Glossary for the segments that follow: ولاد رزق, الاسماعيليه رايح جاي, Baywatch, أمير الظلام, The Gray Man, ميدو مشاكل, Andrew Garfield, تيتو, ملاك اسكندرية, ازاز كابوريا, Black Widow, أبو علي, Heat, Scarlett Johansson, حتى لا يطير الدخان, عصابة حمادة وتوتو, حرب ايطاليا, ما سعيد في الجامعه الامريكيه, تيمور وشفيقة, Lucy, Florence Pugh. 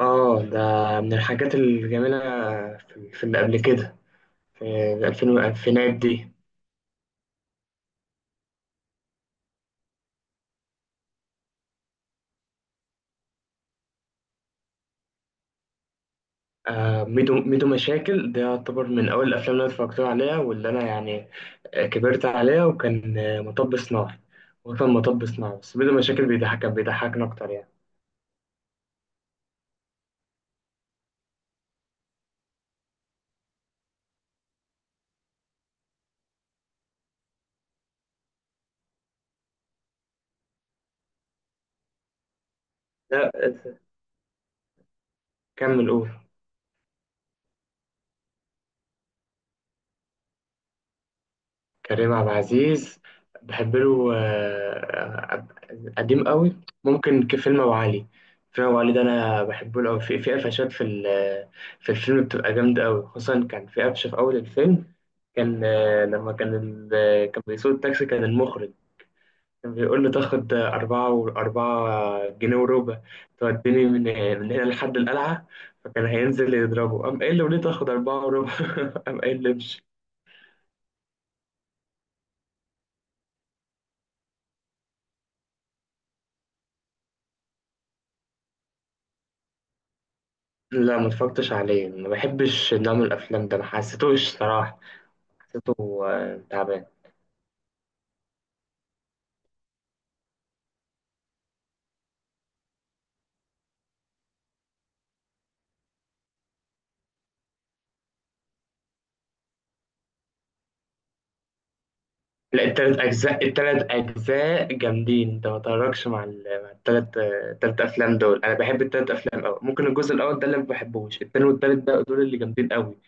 اه ده من الحاجات الجميلة في اللي قبل كده في الألفين والألفينات دي. ميدو مشاكل ده يعتبر من أول الأفلام اللي أنا اتفرجت عليها واللي أنا كبرت عليها، وكان مطب صناعي. بس ميدو مشاكل بيضحك، كان بيضحكنا أكتر يعني. لا، كمل قول. كريم عبد العزيز بحب له قديم قوي، ممكن كفيلم ابو علي. فيلم ابو علي ده انا بحبه له قوي، في قفشات في الفيلم بتبقى جامده قوي. خصوصا كان في قفشه في اول الفيلم، كان لما كان بيسوق التاكسي، كان المخرج كان بيقول له تاخد أربعة، وأربعة جنيه وربع توديني من هنا لحد القلعة. فكان هينزل يضربه، قام قايل له ليه تاخد أربعة وربع؟ قام قايل له امشي. لا، ما اتفرجتش عليه، ما بحبش نوع من الافلام ده، ما حسيتوش صراحه. حسيته تعبان. لا، التلات اجزاء، التلات اجزاء جامدين. انت ما تتفرجش مع مع التلات التلات افلام دول، انا بحب التلات افلام قوي. ممكن الجزء الاول ده اللي ما بحبوش، التاني والتالت بقى دول اللي جامدين قوي.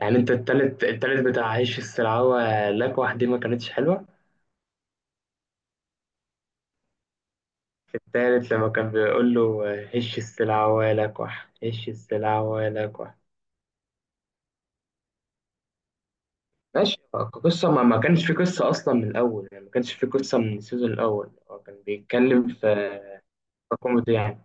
يعني انت التالت، التالت بتاع هش السلعوه لكوح دي ما كانتش حلوه. التالت لما كان بيقول له هش السلعوه لكوح، هش السلعوه لكوح. ماشي. قصة ما كانش في قصة أصلا من الأول، يعني ما كانش في قصة من السيزون الأول، هو كان بيتكلم في في كوميدي يعني.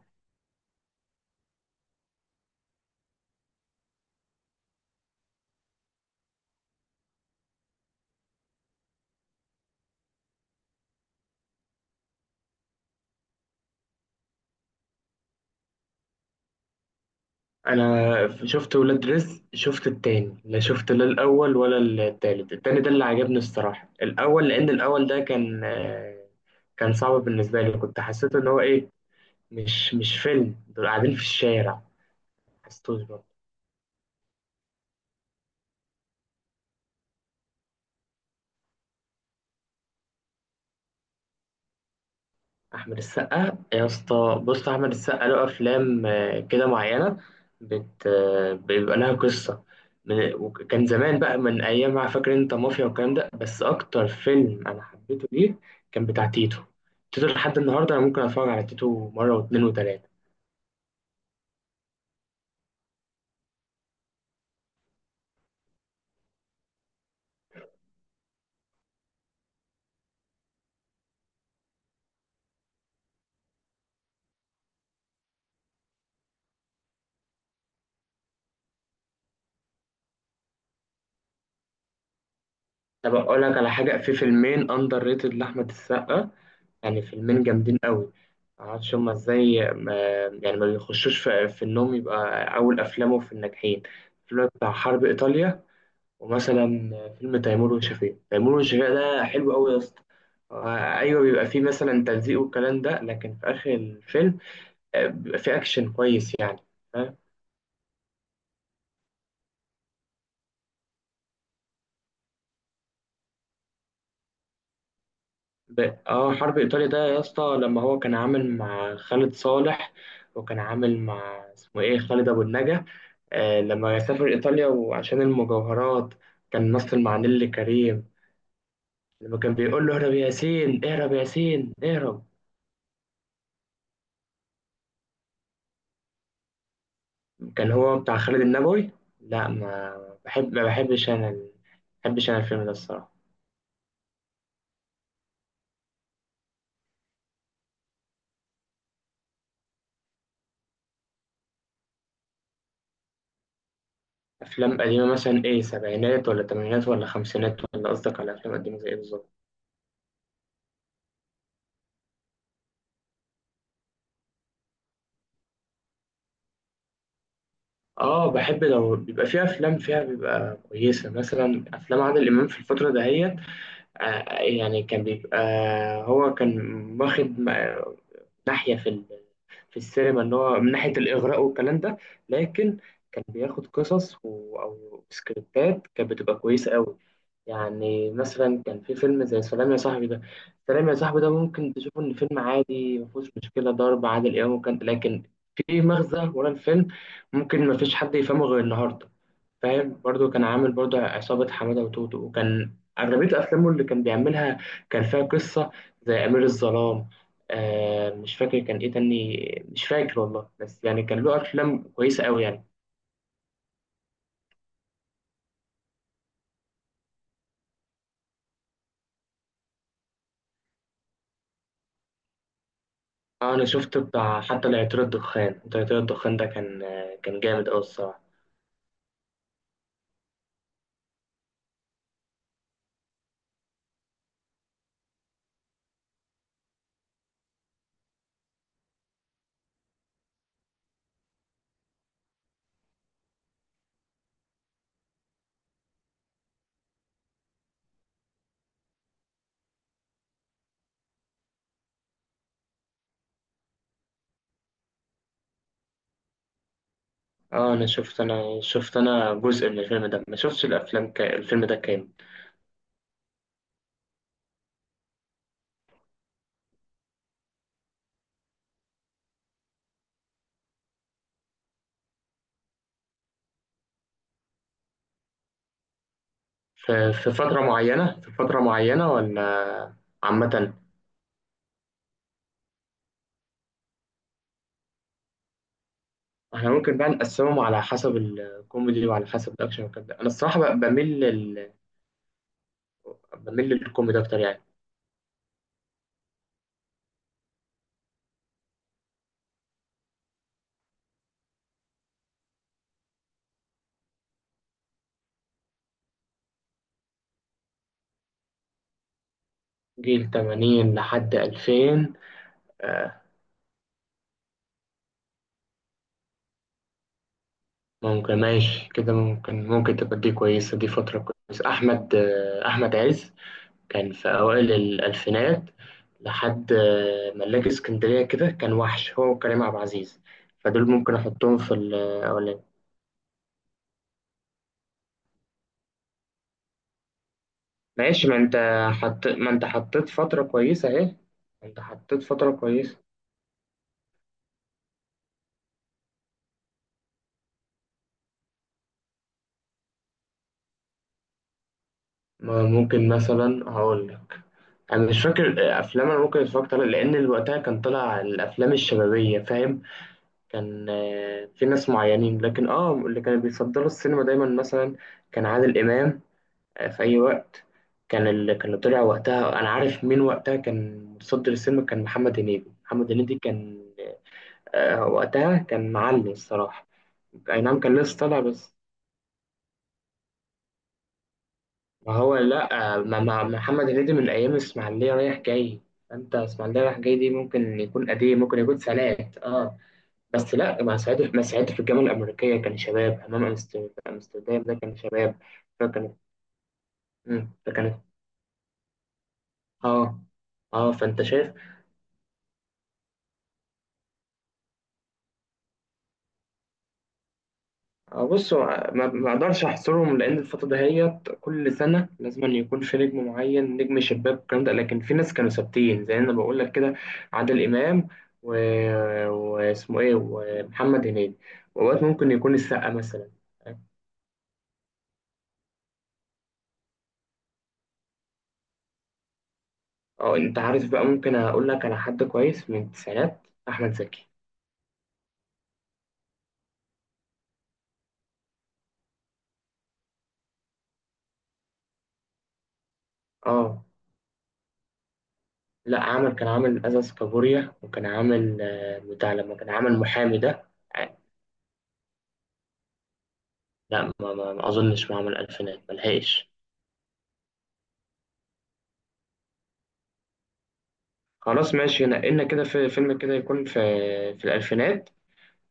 شفت ولاد رزق، شفت التاني، لا شفت لا الأول ولا التالت. التاني ده اللي عجبني الصراحة، الأول، لأن الأول ده كان كان صعب بالنسبة لي، كنت حسيت إن هو إيه، مش فيلم دول قاعدين في الشارع. حسيتوش. احمد السقا يا اسطى، بص، احمد السقا له افلام كده معينه، بت آه، بيبقى لها قصه. وكان زمان بقى من ايام ما فاكر انت مافيا والكلام ده. بس اكتر فيلم انا حبيته ليه كان بتاع تيتو. تيتو لحد النهارده انا ممكن اتفرج على تيتو مره واتنين وتلاته. طب اقول لك على حاجه، في فيلمين اندر ريتد لاحمد السقا، يعني فيلمين جامدين قوي، معرفش هما ازاي ما يعني ما بيخشوش في انهم يبقى اول افلامه في الناجحين. الفيلم بتاع حرب ايطاليا، ومثلا فيلم تيمور وشفيقة. تيمور وشفيقة ده حلو قوي يا اسطى. ايوه بيبقى فيه مثلا تلزيق والكلام ده، لكن في اخر الفيلم بيبقى فيه اكشن كويس يعني. فاهم؟ ب- اه، حرب ايطاليا ده يا اسطى، لما هو كان عامل مع خالد صالح، وكان عامل مع اسمه ايه، خالد ابو النجا. آه، لما سافر ايطاليا وعشان المجوهرات، كان مثل مع نيللي كريم. لما كان بيقول له اهرب يا ياسين، اهرب يا ياسين، اهرب. كان هو بتاع خالد النبوي. لا، ما بحبش انا ما بحبش انا الفيلم ده الصراحه. افلام قديمه مثلا ايه، سبعينات ولا تمانينات ولا خمسينات، ولا قصدك على افلام قديمه زي ايه بالظبط؟ اه بحب، لو بيبقى فيها افلام فيها بيبقى كويسه، مثلا افلام عادل امام في الفتره دهيت يعني كان بيبقى، هو كان واخد م- ناحية في السينما، اللي هو من ناحية الإغراء والكلام ده، لكن كان بياخد أو سكريبتات كانت بتبقى كويسة قوي. يعني مثلا كان في فيلم زي سلام يا صاحبي ده، سلام يا صاحبي ده ممكن تشوفه إن فيلم عادي مفيهوش مشكلة ضرب عادل إمام وكان، لكن في مغزى ورا الفيلم، ممكن مفيش حد يفهمه غير النهاردة. فاهم؟ برضو كان عامل برضو عصابة حمادة وتوتو، وكان أغلبية أفلامه اللي كان بيعملها كان فيها قصة، زي أمير الظلام. آه، مش فاكر كان إيه تاني، مش فاكر والله، بس يعني كان له أفلام كويسة أوي يعني. آه أنا شفت بتاع حتى لا يطير الدخان. حتى لا يطير الدخان ده كان آه، كان جامد أوي الصراحة. آه أنا شفت، أنا جزء من الفيلم ده ما شفتش الفيلم ده كامل. في فترة معينة، في فترة معينة ولا عامة؟ احنا ممكن بقى نقسمهم على حسب الكوميدي وعلى حسب الاكشن وكده. انا الصراحة بقى بميل للكوميدي أكتر يعني. جيل 80 لحد 2000، آه، ممكن، ماشي كده، ممكن تبقى دي كويسة، دي فترة كويسة. أحمد أحمد عز كان في أوائل الألفينات لحد ملاك اسكندرية كده، كان وحش هو وكريم عبد العزيز. فدول ممكن أحطهم في الأولاني. ماشي، ما أنت حطيت فترة كويسة أهي، ما أنت حطيت فترة كويسة. ما ممكن مثلا هقول لك، انا مش فاكر افلام انا ممكن اتفرجت عليها، لان وقتها كان طلع الافلام الشبابيه فاهم، كان في ناس معينين، لكن اه اللي كانوا بيفضلوا السينما دايما مثلا كان عادل امام في اي وقت، كان اللي طلع وقتها انا عارف مين وقتها كان متصدر السينما، كان محمد هنيدي. محمد هنيدي كان وقتها كان معلي الصراحه. اي نعم كان لسه طالع بس. ما هو لا ما ما محمد هنيدي من ايام الاسماعيليه رايح جاي. انت اسماعيليه رايح جاي دي ممكن يكون قديم، ممكن يكون سنوات اه. بس لا، ما سعيد ما سعيد في الجامعه الامريكيه كان شباب، امام امستردام ده كان شباب. فكانت فكانت اه. اه، فانت شايف بص، ما اقدرش احصرهم، لان الفتره دهيت كل سنه لازم أن يكون في نجم معين، نجم شباك والكلام ده، لكن في ناس كانوا ثابتين زي انا بقول لك كده، عادل امام و... واسمه ايه، ومحمد هنيدي، واوقات ممكن يكون السقا مثلا. اه انت عارف بقى، ممكن اقول لك على حد كويس من التسعينات، احمد زكي. اه، لا عمل، كان عامل ازاز، كابوريا، وكان عامل بتاع لما كان عامل محامي ده. آه، لا ما اظنش ما عمل الفينات، ملحقش. خلاص ماشي، نقلنا كده في فيلم كده يكون في في الألفينات،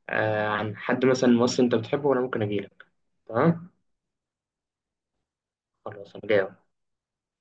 آه، عن حد مثلا ممثل أنت بتحبه وأنا ممكن أجيلك. تمام، خلاص أنا جاي أهو.